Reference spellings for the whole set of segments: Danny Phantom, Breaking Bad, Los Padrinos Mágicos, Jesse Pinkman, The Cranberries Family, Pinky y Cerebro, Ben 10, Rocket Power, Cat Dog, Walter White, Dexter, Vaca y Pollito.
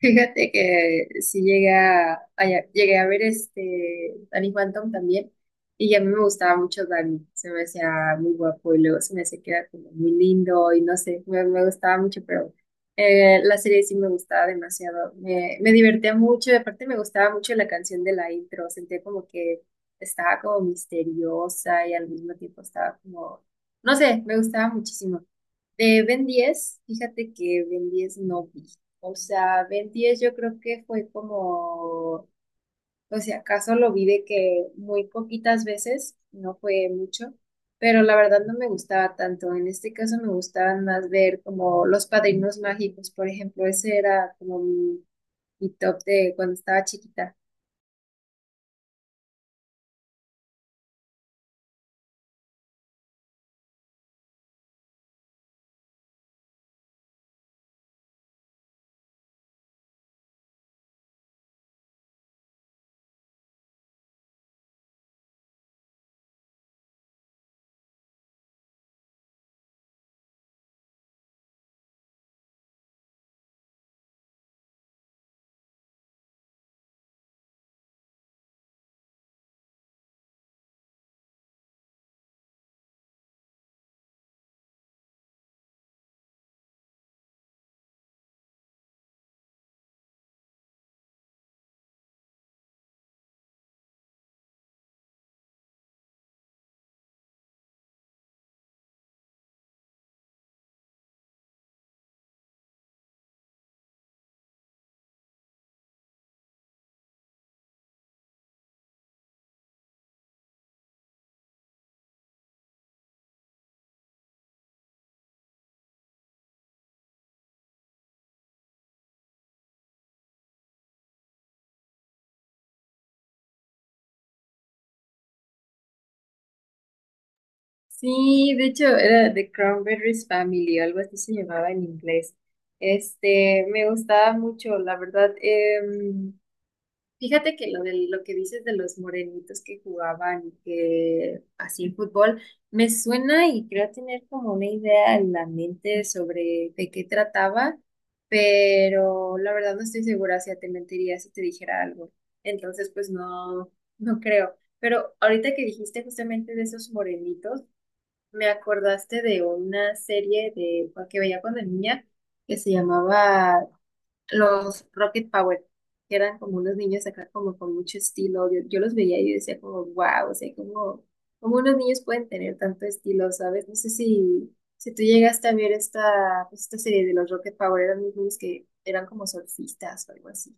Fíjate que sí llega, llegué a ver Danny Phantom también y a mí me gustaba mucho Danny, se me hacía muy guapo y luego se me hacía que era como muy lindo y no sé, me gustaba mucho, pero la serie sí me gustaba demasiado, me divertía mucho y aparte me gustaba mucho la canción de la intro, sentía como que estaba como misteriosa y al mismo tiempo estaba como, no sé, me gustaba muchísimo. De Ben 10, fíjate que Ben 10 no vi. O sea, Ben 10 yo creo que fue como, o sea, acaso lo vi de que muy poquitas veces, no fue mucho, pero la verdad no me gustaba tanto. En este caso me gustaban más ver como Los Padrinos Mágicos, por ejemplo, ese era como mi top de cuando estaba chiquita. Sí, de hecho era The Cranberries Family, algo así se llamaba en inglés. Este, me gustaba mucho, la verdad. Fíjate que lo que dices de los morenitos que jugaban que así en fútbol, me suena y creo tener como una idea en la mente sobre de qué trataba, pero la verdad no estoy segura si te mentiría si te dijera algo. Entonces, pues no, no creo. Pero ahorita que dijiste justamente de esos morenitos, me acordaste de una serie de que veía cuando niña que se llamaba los Rocket Power, que eran como unos niños acá como con mucho estilo. Yo los veía y yo decía como, wow, o sea, como, como unos niños pueden tener tanto estilo, ¿sabes? No sé si tú llegaste a ver esta, pues, esta serie de los Rocket Power, eran unos niños que eran como surfistas o algo así.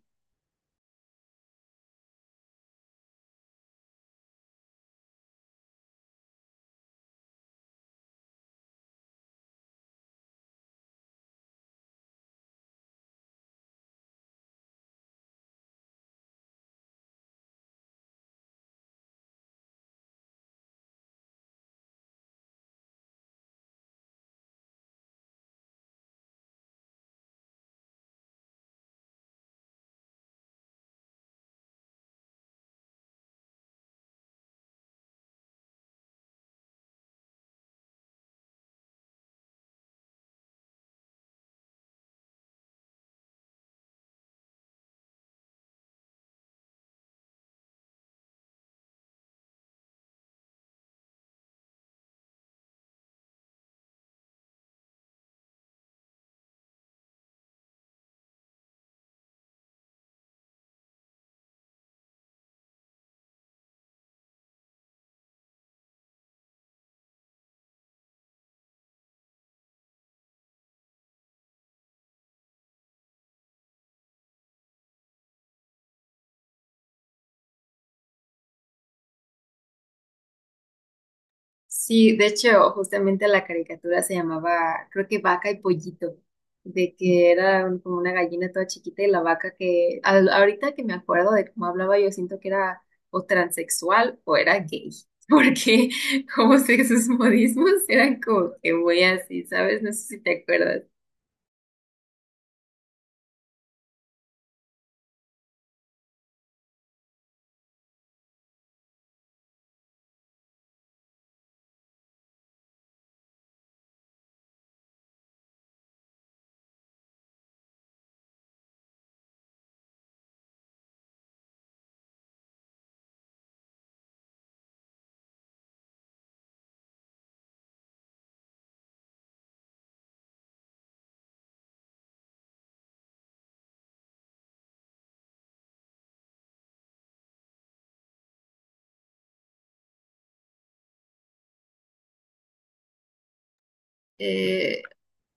Sí, de hecho, justamente la caricatura se llamaba, creo que Vaca y Pollito, de que era como una gallina toda chiquita y la vaca que, ahorita que me acuerdo de cómo hablaba, yo siento que era o transexual o era gay, porque como sé que sus modismos eran como que muy así, ¿sabes? No sé si te acuerdas.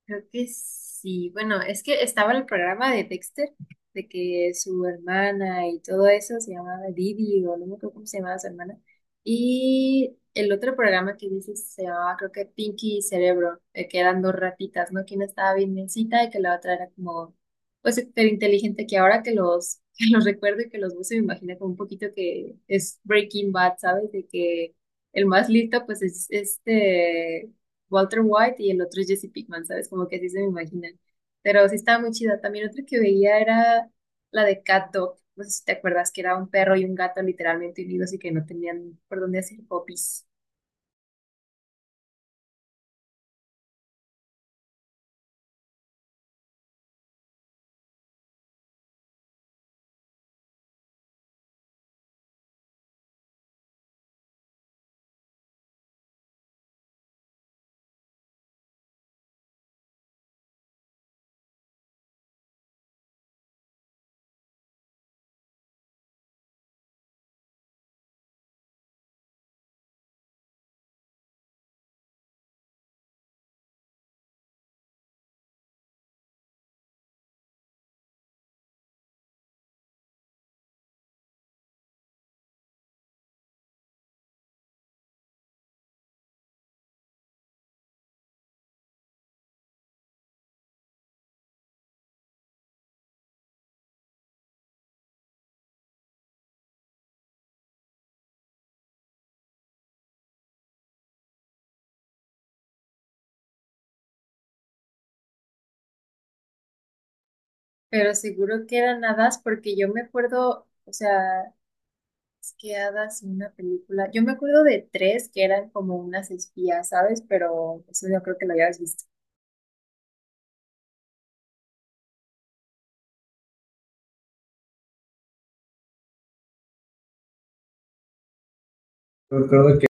Creo que sí. Bueno, es que estaba en el programa de Dexter, de que su hermana y todo eso se llamaba Didi, o no me acuerdo cómo se llamaba su hermana. Y el otro programa que dices se llamaba, creo que Pinky y Cerebro, que eran dos ratitas, ¿no? Que una estaba bien necesita y que la otra era como, pues, súper inteligente, que ahora que los, que los recuerdo y que los uso, me imagino como un poquito que es Breaking Bad, ¿sabes? De que el más listo, pues, es este Walter White y el otro es Jesse Pinkman, ¿sabes? Como que así se me imaginan. Pero sí estaba muy chida. También otra que veía era la de Cat Dog. No sé si te acuerdas que era un perro y un gato literalmente unidos y que no tenían por dónde hacer popis. Pero seguro que eran hadas porque yo me acuerdo, o sea, es que hadas en una película. Yo me acuerdo de tres que eran como unas espías, ¿sabes? Pero eso yo creo que lo habías visto. Recuerdo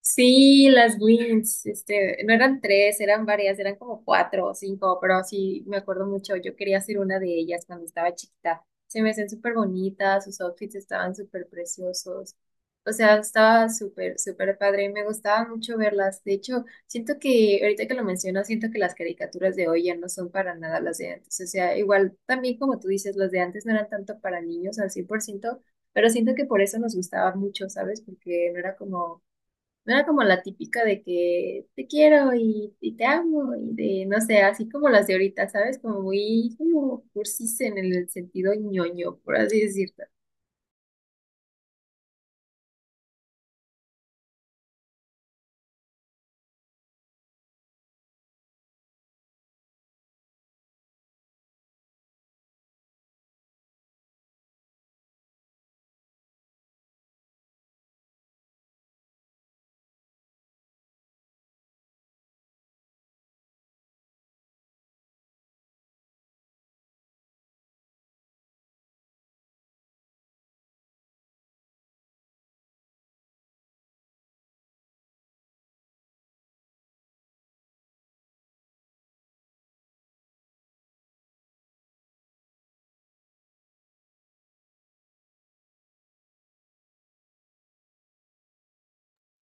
sí, las wins, este, no eran tres, eran varias, eran como cuatro o cinco, pero sí, me acuerdo mucho, yo quería ser una de ellas cuando estaba chiquita. Se me hacían súper bonitas, sus outfits estaban súper preciosos. O sea, estaba súper padre, y me gustaba mucho verlas. De hecho, siento que, ahorita que lo mencionas, siento que las caricaturas de hoy ya no son para nada las de antes. O sea, igual, también como tú dices, las de antes no eran tanto para niños al 100%, pero siento que por eso nos gustaba mucho, ¿sabes? Porque no era como la típica de que te quiero y te amo y de, no sé, así como las de ahorita, ¿sabes? Como muy como cursis en el sentido ñoño, por así decirlo.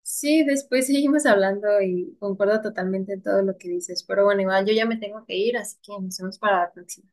Sí, después seguimos hablando y concuerdo totalmente en todo lo que dices, pero bueno, igual yo ya me tengo que ir, así que nos vemos para la próxima.